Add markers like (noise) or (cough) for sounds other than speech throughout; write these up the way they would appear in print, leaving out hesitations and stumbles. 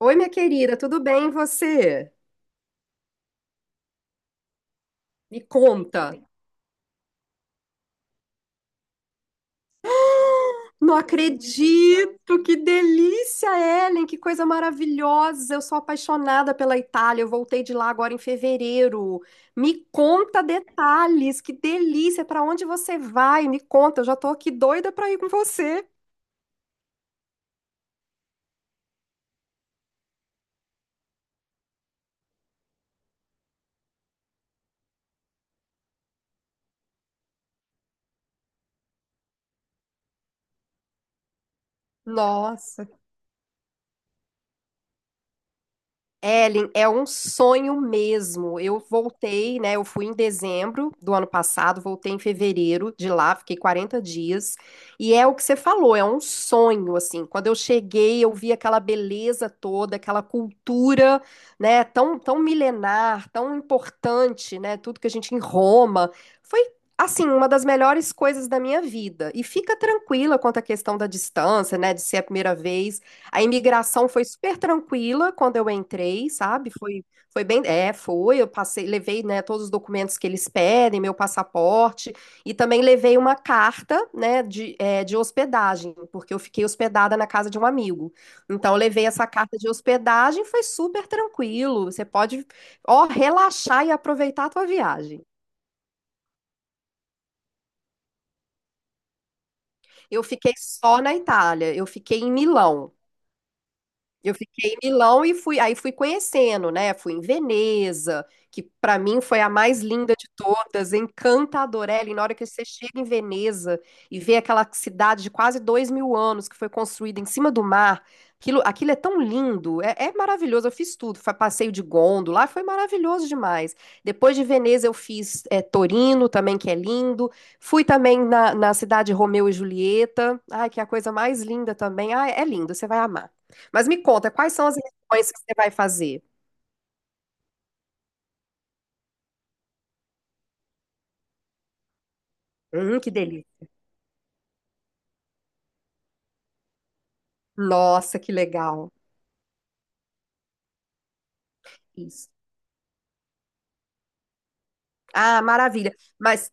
Oi, minha querida, tudo bem e você? Me conta. Não acredito, que delícia, Ellen, que coisa maravilhosa. Eu sou apaixonada pela Itália. Eu voltei de lá agora em fevereiro. Me conta detalhes, que delícia. Para onde você vai? Me conta, eu já tô aqui doida para ir com você. Nossa. Ellen, é um sonho mesmo. Eu voltei, né? Eu fui em dezembro do ano passado, voltei em fevereiro de lá, fiquei 40 dias. E é o que você falou, é um sonho, assim. Quando eu cheguei, eu vi aquela beleza toda, aquela cultura, né? Tão, tão milenar, tão importante, né? Tudo que a gente em Roma. Foi, assim, uma das melhores coisas da minha vida. E fica tranquila quanto à questão da distância, né? De ser a primeira vez. A imigração foi super tranquila quando eu entrei, sabe? Foi bem, é, foi. Eu passei, levei, né, todos os documentos que eles pedem, meu passaporte, e também levei uma carta, né, de hospedagem, porque eu fiquei hospedada na casa de um amigo. Então, eu levei essa carta de hospedagem, foi super tranquilo. Você pode, ó, relaxar e aproveitar a tua viagem. Eu fiquei só na Itália, eu fiquei em Milão. Eu fiquei em Milão e fui, aí fui conhecendo, né? Fui em Veneza, que para mim foi a mais linda de todas, encantadora. Ellen, na hora que você chega em Veneza e vê aquela cidade de quase 2 mil anos que foi construída em cima do mar, aquilo é tão lindo, é maravilhoso. Eu fiz tudo, foi passeio de gôndola, foi maravilhoso demais. Depois de Veneza eu fiz Torino também, que é lindo. Fui também na cidade de Romeu e Julieta, ai, que é a coisa mais linda também. Ah, é lindo, você vai amar. Mas me conta, quais são as lições que você vai fazer? Que delícia. Nossa, que legal. Isso. Ah, maravilha. Mas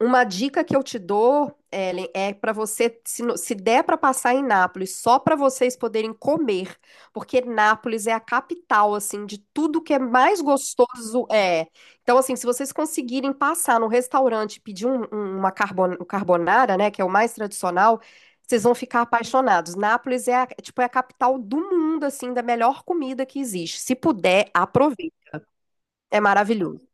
uma dica que eu te dou, Ellen, é para você, se der para passar em Nápoles, só para vocês poderem comer, porque Nápoles é a capital, assim, de tudo que é mais gostoso. Então, assim, se vocês conseguirem passar no restaurante e pedir um carbonara, né, que é o mais tradicional, vocês vão ficar apaixonados. Nápoles é, tipo, é a capital do mundo, assim, da melhor comida que existe. Se puder, aproveite. É maravilhoso.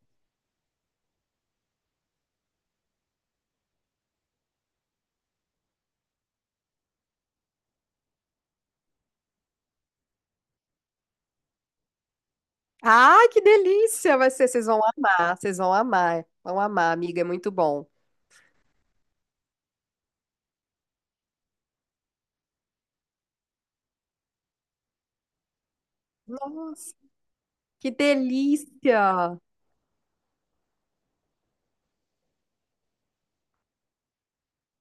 Ai, que delícia! Vai ser, vocês vão amar, amiga, é muito bom. Nossa, que delícia!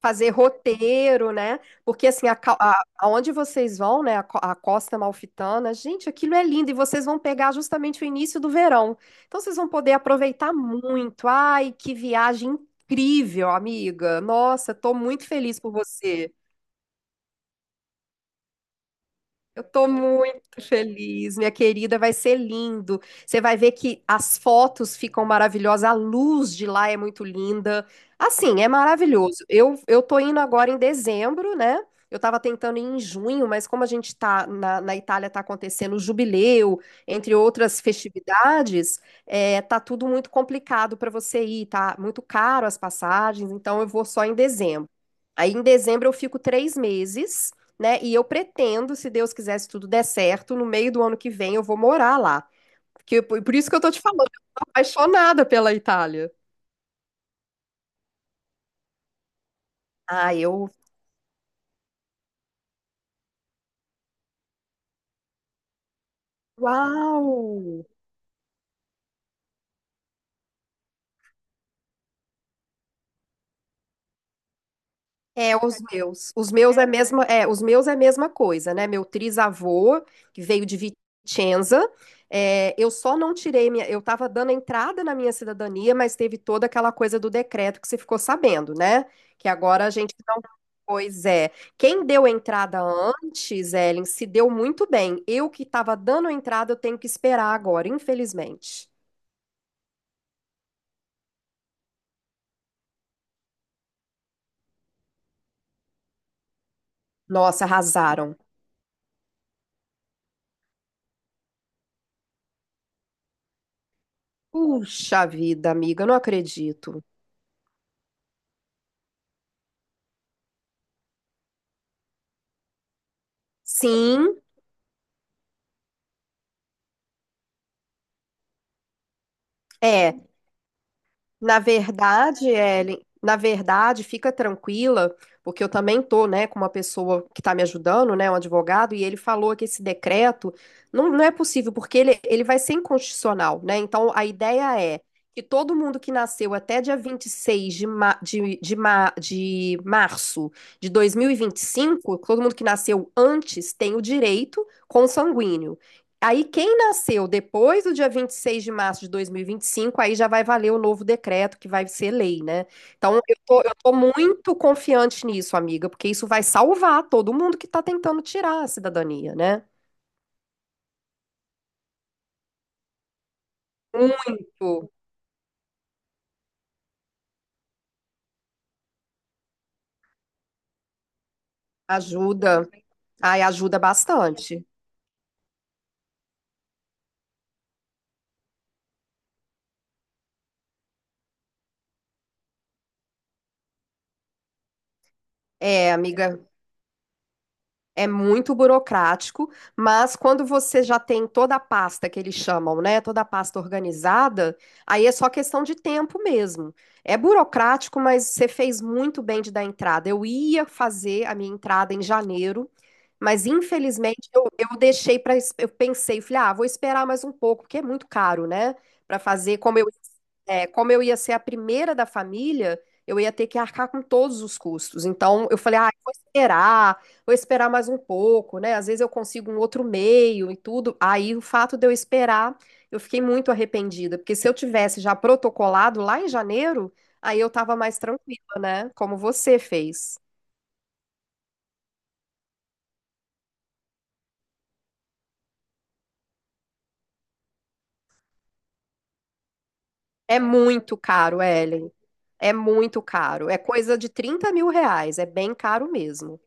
Fazer roteiro, né? Porque assim, aonde vocês vão, né? A Costa Malfitana, gente, aquilo é lindo e vocês vão pegar justamente o início do verão. Então vocês vão poder aproveitar muito. Ai, que viagem incrível, amiga! Nossa, tô muito feliz por você. Eu tô muito feliz, minha querida, vai ser lindo. Você vai ver que as fotos ficam maravilhosas, a luz de lá é muito linda. Assim, é maravilhoso. Eu tô indo agora em dezembro, né? Eu tava tentando ir em junho, mas como a gente tá na Itália, tá acontecendo o jubileu, entre outras festividades, tá tudo muito complicado para você ir, tá muito caro as passagens, então eu vou só em dezembro. Aí em dezembro eu fico 3 meses, né? E eu pretendo, se Deus quiser, se tudo der certo, no meio do ano que vem eu vou morar lá. Porque, por isso que eu tô te falando, eu tô apaixonada pela Itália. Ah, eu. Uau! É, os meus. Os meus é a mesma, é, os meus é a mesma coisa, né? Meu trisavô, que veio de Vicenza, eu só não tirei minha, eu tava dando entrada na minha cidadania, mas teve toda aquela coisa do decreto que você ficou sabendo, né? Que agora a gente não. Pois é. Quem deu entrada antes, Ellen, se deu muito bem. Eu que tava dando entrada, eu tenho que esperar agora, infelizmente. Nossa, arrasaram. Puxa vida, amiga, não acredito. Sim, é. Na verdade, Ellen, na verdade, fica tranquila, porque eu também tô, né, com uma pessoa que está me ajudando, né, um advogado, e ele falou que esse decreto não é possível, porque ele vai ser inconstitucional, né? Então, a ideia é que todo mundo que nasceu até dia 26 de março de dois mil e vinte e cinco, todo mundo que nasceu antes tem o direito consanguíneo. Aí, quem nasceu depois do dia 26 de março de dois mil e vinte e cinco, aí já vai valer o novo decreto, que vai ser lei, né? Então, eu tô muito confiante nisso, amiga, porque isso vai salvar todo mundo que tá tentando tirar a cidadania, né? Muito. Ajuda. Ai, ajuda bastante. É, amiga. É muito burocrático, mas quando você já tem toda a pasta que eles chamam, né? Toda a pasta organizada, aí é só questão de tempo mesmo. É burocrático, mas você fez muito bem de dar entrada. Eu ia fazer a minha entrada em janeiro, mas infelizmente eu deixei para. Eu pensei, falei, ah, vou esperar mais um pouco, porque é muito caro, né? Para fazer como eu ia ser a primeira da família, eu ia ter que arcar com todos os custos. Então, eu falei, ah, eu vou esperar mais um pouco, né? Às vezes eu consigo um outro meio e tudo. Aí, o fato de eu esperar, eu fiquei muito arrependida, porque se eu tivesse já protocolado lá em janeiro, aí eu tava mais tranquila, né? Como você fez. É muito caro, Ellen. É muito caro. É coisa de 30 mil reais. É bem caro mesmo.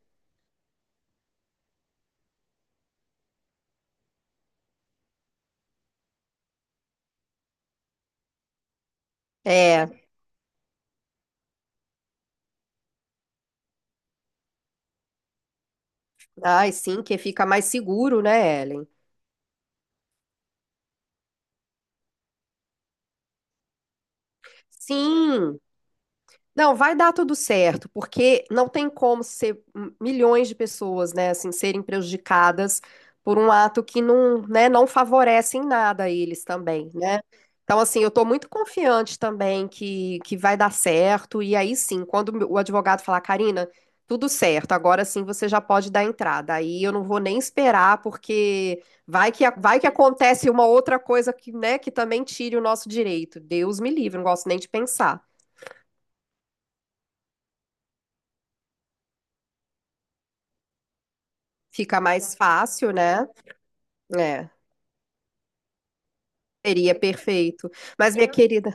É. Ai, sim, que fica mais seguro, né, Ellen? Sim, não, vai dar tudo certo, porque não tem como ser milhões de pessoas, né, assim, serem prejudicadas por um ato que não, né, não favorece em nada a eles também, né? Então, assim, eu tô muito confiante também que vai dar certo, e aí sim, quando o advogado falar, Karina, tudo certo, agora sim você já pode dar entrada, aí eu não vou nem esperar, porque vai que acontece uma outra coisa que, né, que também tire o nosso direito, Deus me livre, não gosto nem de pensar. Fica mais fácil, né? É, seria perfeito. Mas, minha querida,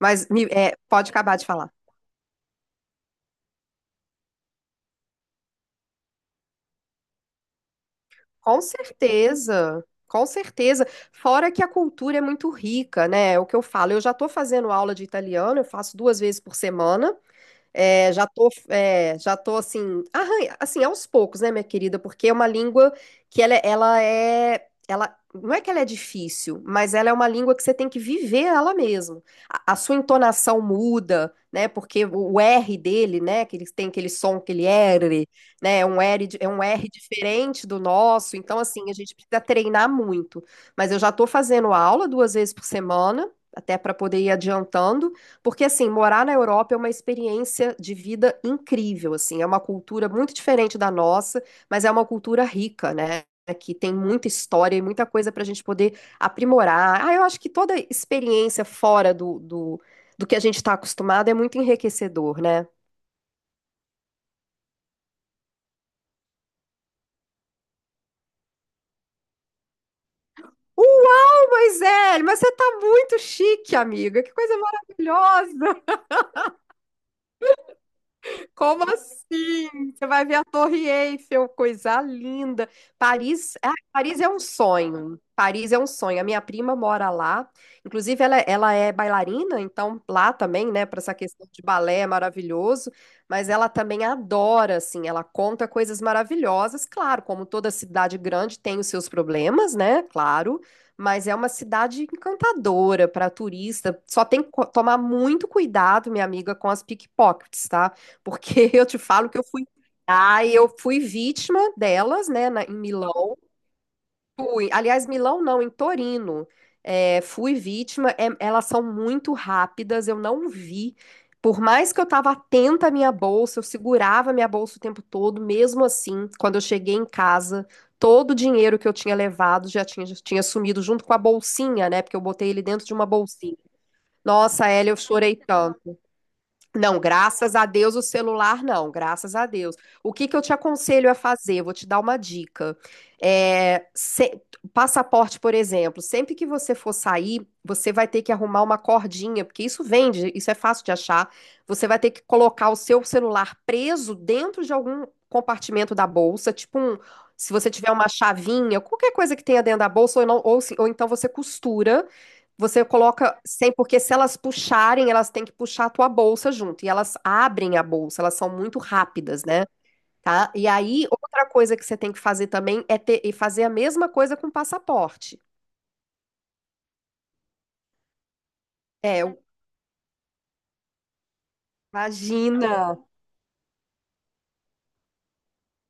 pode acabar de falar. Com certeza, com certeza. Fora que a cultura é muito rica, né? É o que eu falo. Eu já estou fazendo aula de italiano, eu faço duas vezes por semana. É, já tô assim, arranha, assim, aos poucos, né, minha querida? Porque é uma língua que ela, é, ela é, ela não é que ela é difícil, mas ela é uma língua que você tem que viver ela mesmo. A sua entonação muda, né? Porque o R dele, né? Que ele tem aquele som, aquele R, né? É um R diferente do nosso. Então, assim, a gente precisa treinar muito. Mas eu já tô fazendo aula duas vezes por semana, até para poder ir adiantando. Porque, assim, morar na Europa é uma experiência de vida incrível, assim, é uma cultura muito diferente da nossa, mas é uma cultura rica, né? Que tem muita história e muita coisa para a gente poder aprimorar. Ah, eu acho que toda experiência fora do que a gente está acostumado é muito enriquecedor, né? Uau, Moisés, mas você tá muito chique, amiga. Que coisa maravilhosa! Como assim? Você vai ver a Torre Eiffel, coisa linda. Paris, ah, Paris é um sonho. Paris é um sonho. A minha prima mora lá. Inclusive, ela é bailarina, então lá também, né, para essa questão de balé é maravilhoso. Mas ela também adora, assim, ela conta coisas maravilhosas. Claro, como toda cidade grande tem os seus problemas, né? Claro. Mas é uma cidade encantadora para turista. Só tem que tomar muito cuidado, minha amiga, com as pickpockets, tá? Porque (laughs) eu te falo que eu fui. Ah, eu fui vítima delas, né, em Milão. Fui. Aliás, Milão não, em Torino. É, fui vítima. Elas são muito rápidas, eu não vi. Por mais que eu estava atenta à minha bolsa, eu segurava a minha bolsa o tempo todo, mesmo assim, quando eu cheguei em casa, todo o dinheiro que eu tinha levado já tinha sumido junto com a bolsinha, né? Porque eu botei ele dentro de uma bolsinha. Nossa, Hélia, eu chorei tanto. Não, graças a Deus o celular não, graças a Deus. O que que eu te aconselho a fazer? Vou te dar uma dica. É, se- Passaporte, por exemplo, sempre que você for sair, você vai ter que arrumar uma cordinha, porque isso vende, isso é fácil de achar. Você vai ter que colocar o seu celular preso dentro de algum compartimento da bolsa, tipo um, se você tiver uma chavinha, qualquer coisa que tenha dentro da bolsa, ou, não- ou se- ou então você costura. Você coloca sem, porque se elas puxarem, elas têm que puxar a tua bolsa junto. E elas abrem a bolsa, elas são muito rápidas, né? Tá? E aí, outra coisa que você tem que fazer também é ter, e fazer a mesma coisa com o passaporte. É, eu- Imagina.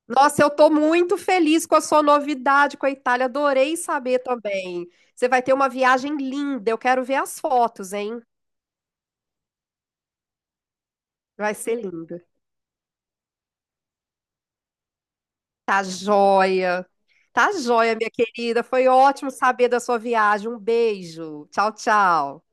Nossa, eu tô muito feliz com a sua novidade com a Itália. Adorei saber também. Você vai ter uma viagem linda. Eu quero ver as fotos, hein? Vai ser lindo. Tá joia. Tá joia, minha querida. Foi ótimo saber da sua viagem. Um beijo. Tchau, tchau.